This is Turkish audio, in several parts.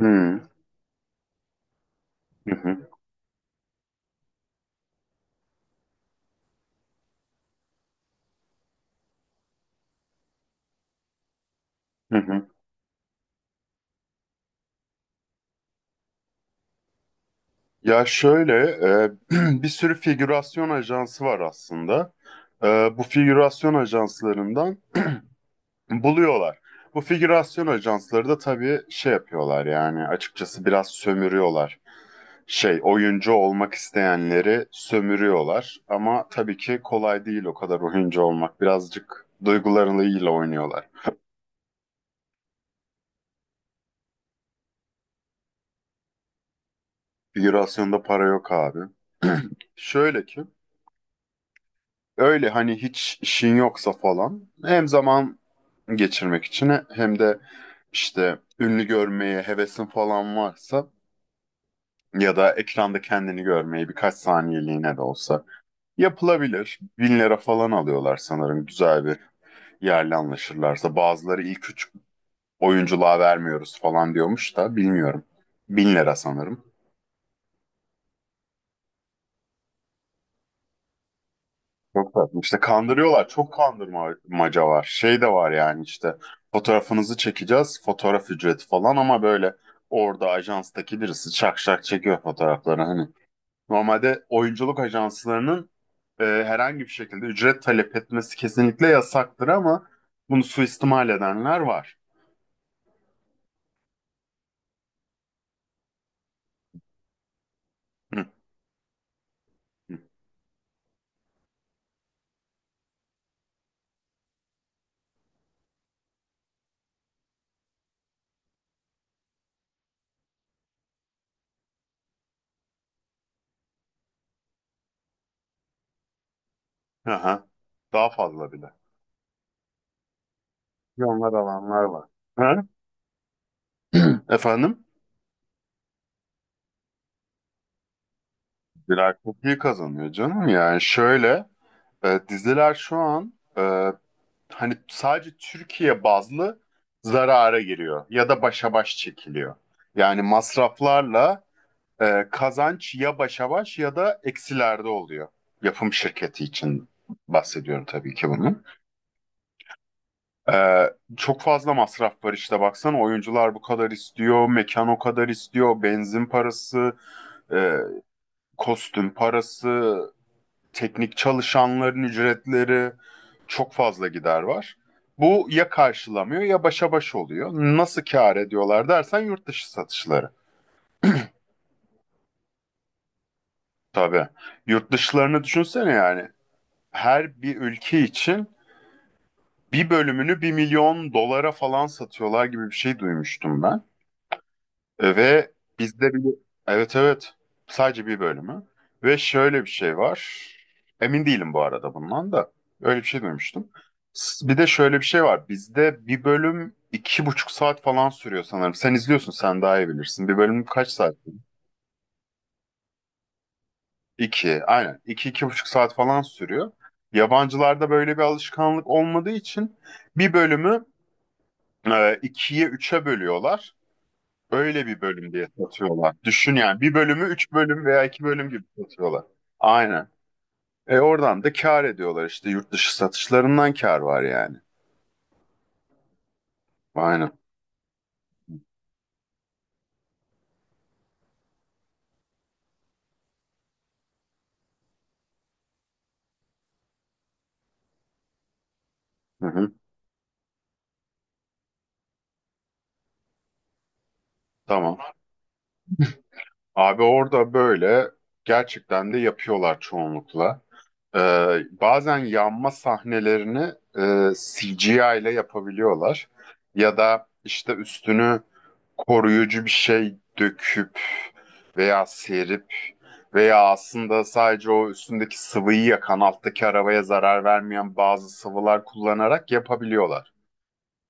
Hmm. Hı hı. Hı hı. Ya şöyle, bir sürü figürasyon ajansı var aslında. E, bu figürasyon ajanslarından buluyorlar. Bu figürasyon ajansları da tabii şey yapıyorlar, yani açıkçası biraz sömürüyorlar. Oyuncu olmak isteyenleri sömürüyorlar ama tabii ki kolay değil o kadar oyuncu olmak. Birazcık duygularıyla oynuyorlar. Figürasyonda para yok abi. Şöyle ki, öyle hani hiç işin yoksa falan, hem zaman geçirmek için hem de işte ünlü görmeye hevesin falan varsa ya da ekranda kendini görmeyi birkaç saniyeliğine de olsa yapılabilir. 1.000 lira falan alıyorlar sanırım güzel bir yerle anlaşırlarsa. Bazıları ilk üç oyunculuğa vermiyoruz falan diyormuş da bilmiyorum. 1.000 lira sanırım. Çok tatlı. İşte kandırıyorlar. Çok kandırmaca var. Şey de var yani, işte fotoğrafınızı çekeceğiz, fotoğraf ücreti falan ama böyle orada ajanstaki birisi çak şak çekiyor fotoğrafları. Hani normalde oyunculuk ajanslarının herhangi bir şekilde ücret talep etmesi kesinlikle yasaktır ama bunu suistimal edenler var. Hı. Hı. Aha. Daha fazla bile. Milyonlar alanlar var. Ha? Efendim? Birer çok iyi kazanıyor canım. Yani şöyle. Diziler şu an, hani sadece Türkiye bazlı zarara giriyor ya da başa baş çekiliyor. Yani masraflarla kazanç ya başa baş ya da eksilerde oluyor. Yapım şirketi için bahsediyorum tabii ki bunu. E, çok fazla masraf var işte, baksana oyuncular bu kadar istiyor, mekan o kadar istiyor, benzin parası, e, kostüm parası, teknik çalışanların ücretleri, çok fazla gider var. Bu ya karşılamıyor ya başa baş oluyor. Nasıl kâr ediyorlar dersen, yurt dışı satışları. Tabii. Yurt dışlarını düşünsene yani. Her bir ülke için bir bölümünü bir milyon dolara falan satıyorlar gibi bir şey duymuştum ben. Ve bizde bir, evet evet, sadece bir bölümü. Ve şöyle bir şey var, emin değilim bu arada bundan da, öyle bir şey duymuştum. Bir de şöyle bir şey var, bizde bir bölüm iki buçuk saat falan sürüyor sanırım, sen izliyorsun, sen daha iyi bilirsin, bir bölüm kaç saat? İki aynen, İki iki buçuk saat falan sürüyor. Yabancılarda böyle bir alışkanlık olmadığı için bir bölümü ikiye üçe bölüyorlar. Öyle bir bölüm diye satıyorlar. Düşün yani, bir bölümü üç bölüm veya iki bölüm gibi satıyorlar. Aynen. Oradan da kâr ediyorlar işte, yurt dışı satışlarından kâr var yani. Aynen. Hı hı. Tamam. Abi orada böyle gerçekten de yapıyorlar çoğunlukla. Ee, bazen yanma sahnelerini CGI ile yapabiliyorlar. Ya da işte üstünü koruyucu bir şey döküp veya serip veya aslında sadece o üstündeki sıvıyı yakan, alttaki arabaya zarar vermeyen bazı sıvılar kullanarak yapabiliyorlar.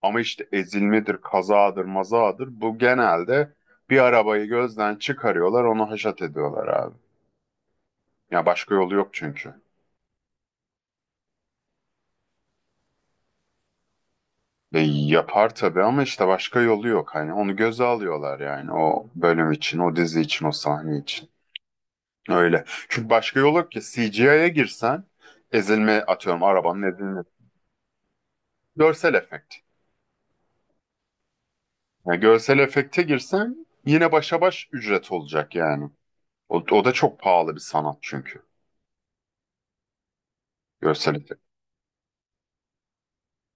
Ama işte ezilmedir, kazadır, mazadır, bu genelde bir arabayı gözden çıkarıyorlar, onu haşat ediyorlar abi. Ya başka yolu yok çünkü. Yapar tabii ama işte başka yolu yok. Hani onu göze alıyorlar yani, o bölüm için, o dizi için, o sahne için. Öyle. Çünkü başka yol yok ki, CGI'ye girsen, ezilme, atıyorum arabanın ezilmesi. Görsel efekt. Yani görsel efekte girsen yine başa baş ücret olacak yani. O da çok pahalı bir sanat çünkü. Görsel efekt.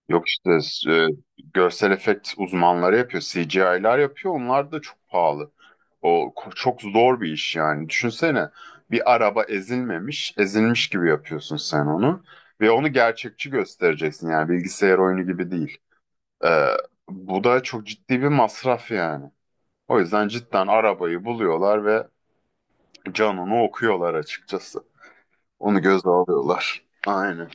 Yok işte, e, görsel efekt uzmanları yapıyor. CGI'lar yapıyor. Onlar da çok pahalı. O çok zor bir iş yani. Düşünsene, bir araba ezilmemiş, ezilmiş gibi yapıyorsun sen onu. Ve onu gerçekçi göstereceksin yani, bilgisayar oyunu gibi değil. Ee, bu da çok ciddi bir masraf yani. O yüzden cidden arabayı buluyorlar ve Canon'u okuyorlar açıkçası. Onu göze alıyorlar. Aynen.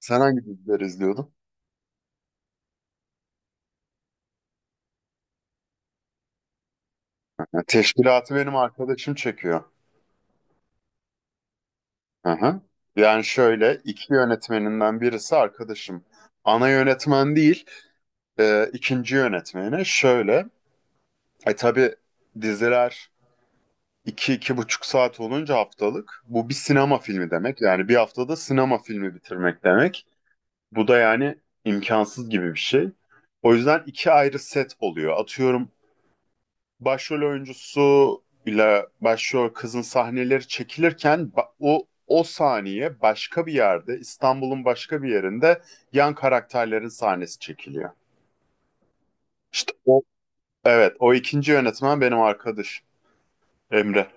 Sen hangi diziler izliyordun? Ha, Teşkilatı benim arkadaşım çekiyor. Hı hı. Yani şöyle, iki yönetmeninden birisi arkadaşım. Ana yönetmen değil, ikinci yönetmeni. Şöyle, tabii diziler iki, iki buçuk saat olunca haftalık. Bu bir sinema filmi demek. Yani bir haftada sinema filmi bitirmek demek. Bu da yani imkansız gibi bir şey. O yüzden iki ayrı set oluyor. Atıyorum başrol oyuncusu ile başrol kızın sahneleri çekilirken o saniye başka bir yerde, İstanbul'un başka bir yerinde yan karakterlerin sahnesi çekiliyor. İşte o, evet, o ikinci yönetmen benim arkadaş Emre.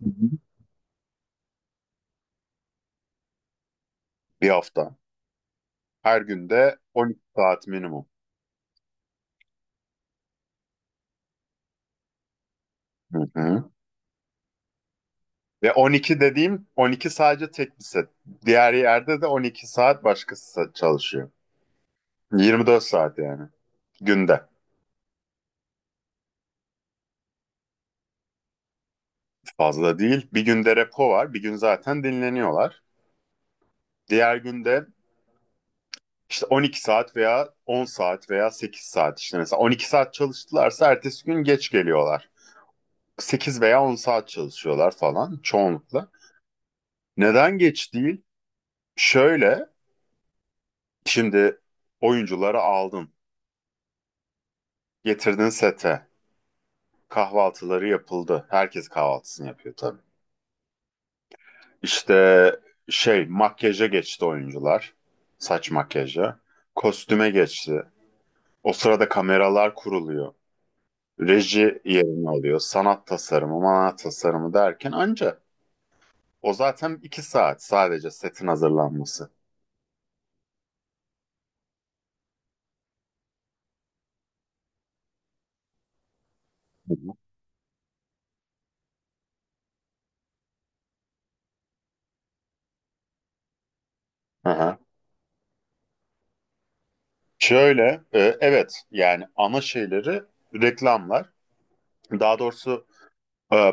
Hı hı. Bir hafta. Her günde 12 saat minimum. Hı hı. Ve 12 dediğim 12 sadece tek bir set. Diğer yerde de 12 saat başkası çalışıyor. 24 saat yani günde. Fazla değil. Bir günde repo var. Bir gün zaten dinleniyorlar. Diğer günde işte 12 saat veya 10 saat veya 8 saat, işte mesela 12 saat çalıştılarsa ertesi gün geç geliyorlar. 8 veya 10 saat çalışıyorlar falan çoğunlukla. Neden geç değil? Şöyle, şimdi oyuncuları aldın, getirdin sete, kahvaltıları yapıldı. Herkes kahvaltısını yapıyor tabii. İşte makyaja geçti oyuncular. Saç makyaja. Kostüme geçti. O sırada kameralar kuruluyor. Reji yerini alıyor. Sanat tasarımı, manat tasarımı derken anca o zaten iki saat sadece setin hazırlanması. Hı hı. Aha. Şöyle, evet yani ana şeyleri reklamlar. Daha doğrusu e,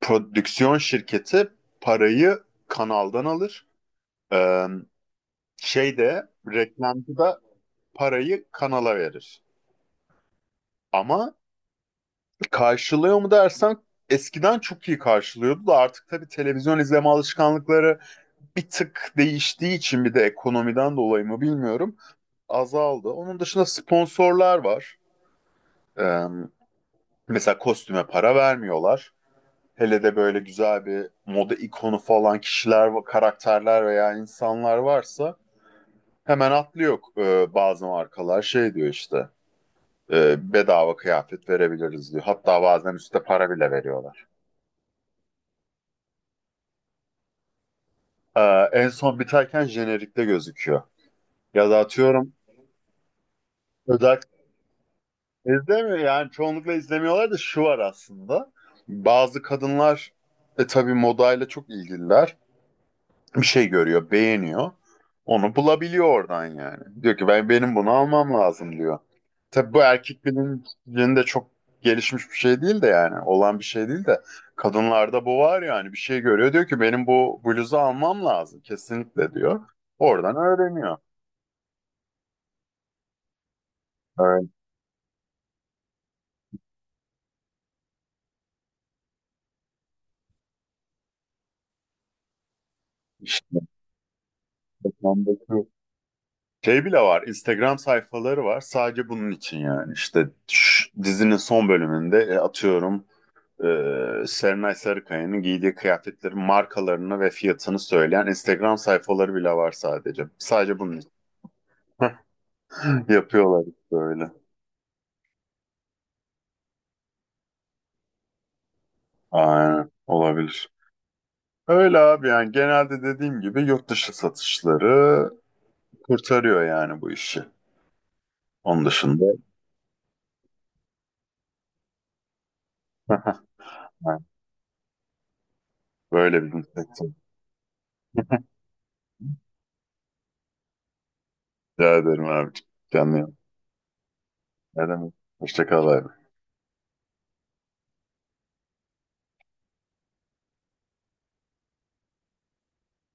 prodüksiyon şirketi parayı kanaldan alır. E, şey de reklamcı da parayı kanala verir. Ama karşılıyor mu dersen, eskiden çok iyi karşılıyordu da artık tabii televizyon izleme alışkanlıkları bir tık değiştiği için, bir de ekonomiden dolayı mı bilmiyorum, azaldı. Onun dışında sponsorlar var. Ee, mesela kostüme para vermiyorlar. Hele de böyle güzel bir moda ikonu falan kişiler, karakterler veya insanlar varsa hemen atlıyor, bazı markalar şey diyor işte, bedava kıyafet verebiliriz diyor. Hatta bazen üstte para bile veriyorlar. Ee, en son biterken jenerikte gözüküyor. Ya da atıyorum özel izlemiyor yani, çoğunlukla izlemiyorlar da şu var aslında. Bazı kadınlar tabii modayla çok ilgililer. Bir şey görüyor, beğeniyor. Onu bulabiliyor oradan yani. Diyor ki ben, benim bunu almam lazım diyor. Tabii bu erkek bilincinde çok gelişmiş bir şey değil de, yani olan bir şey değil de, kadınlarda bu var yani, bir şey görüyor diyor ki benim bu bluzu almam lazım kesinlikle diyor. Oradan öğreniyor. İşte reklamdaki şey bile var, Instagram sayfaları var. Sadece bunun için yani. İşte dizinin son bölümünde, atıyorum, Serenay Sarıkaya'nın giydiği kıyafetlerin markalarını ve fiyatını söyleyen Instagram sayfaları bile var sadece. Sadece bunun için yapıyorlar işte öyle. Aynen. Olabilir. Öyle abi yani, genelde dediğim gibi, yurt dışı satışları kurtarıyor yani bu işi. Onun dışında böyle bir sektör. Rica ederim abiciğim. Kendine iyi bak. Ne demek? Hoşça kal abi.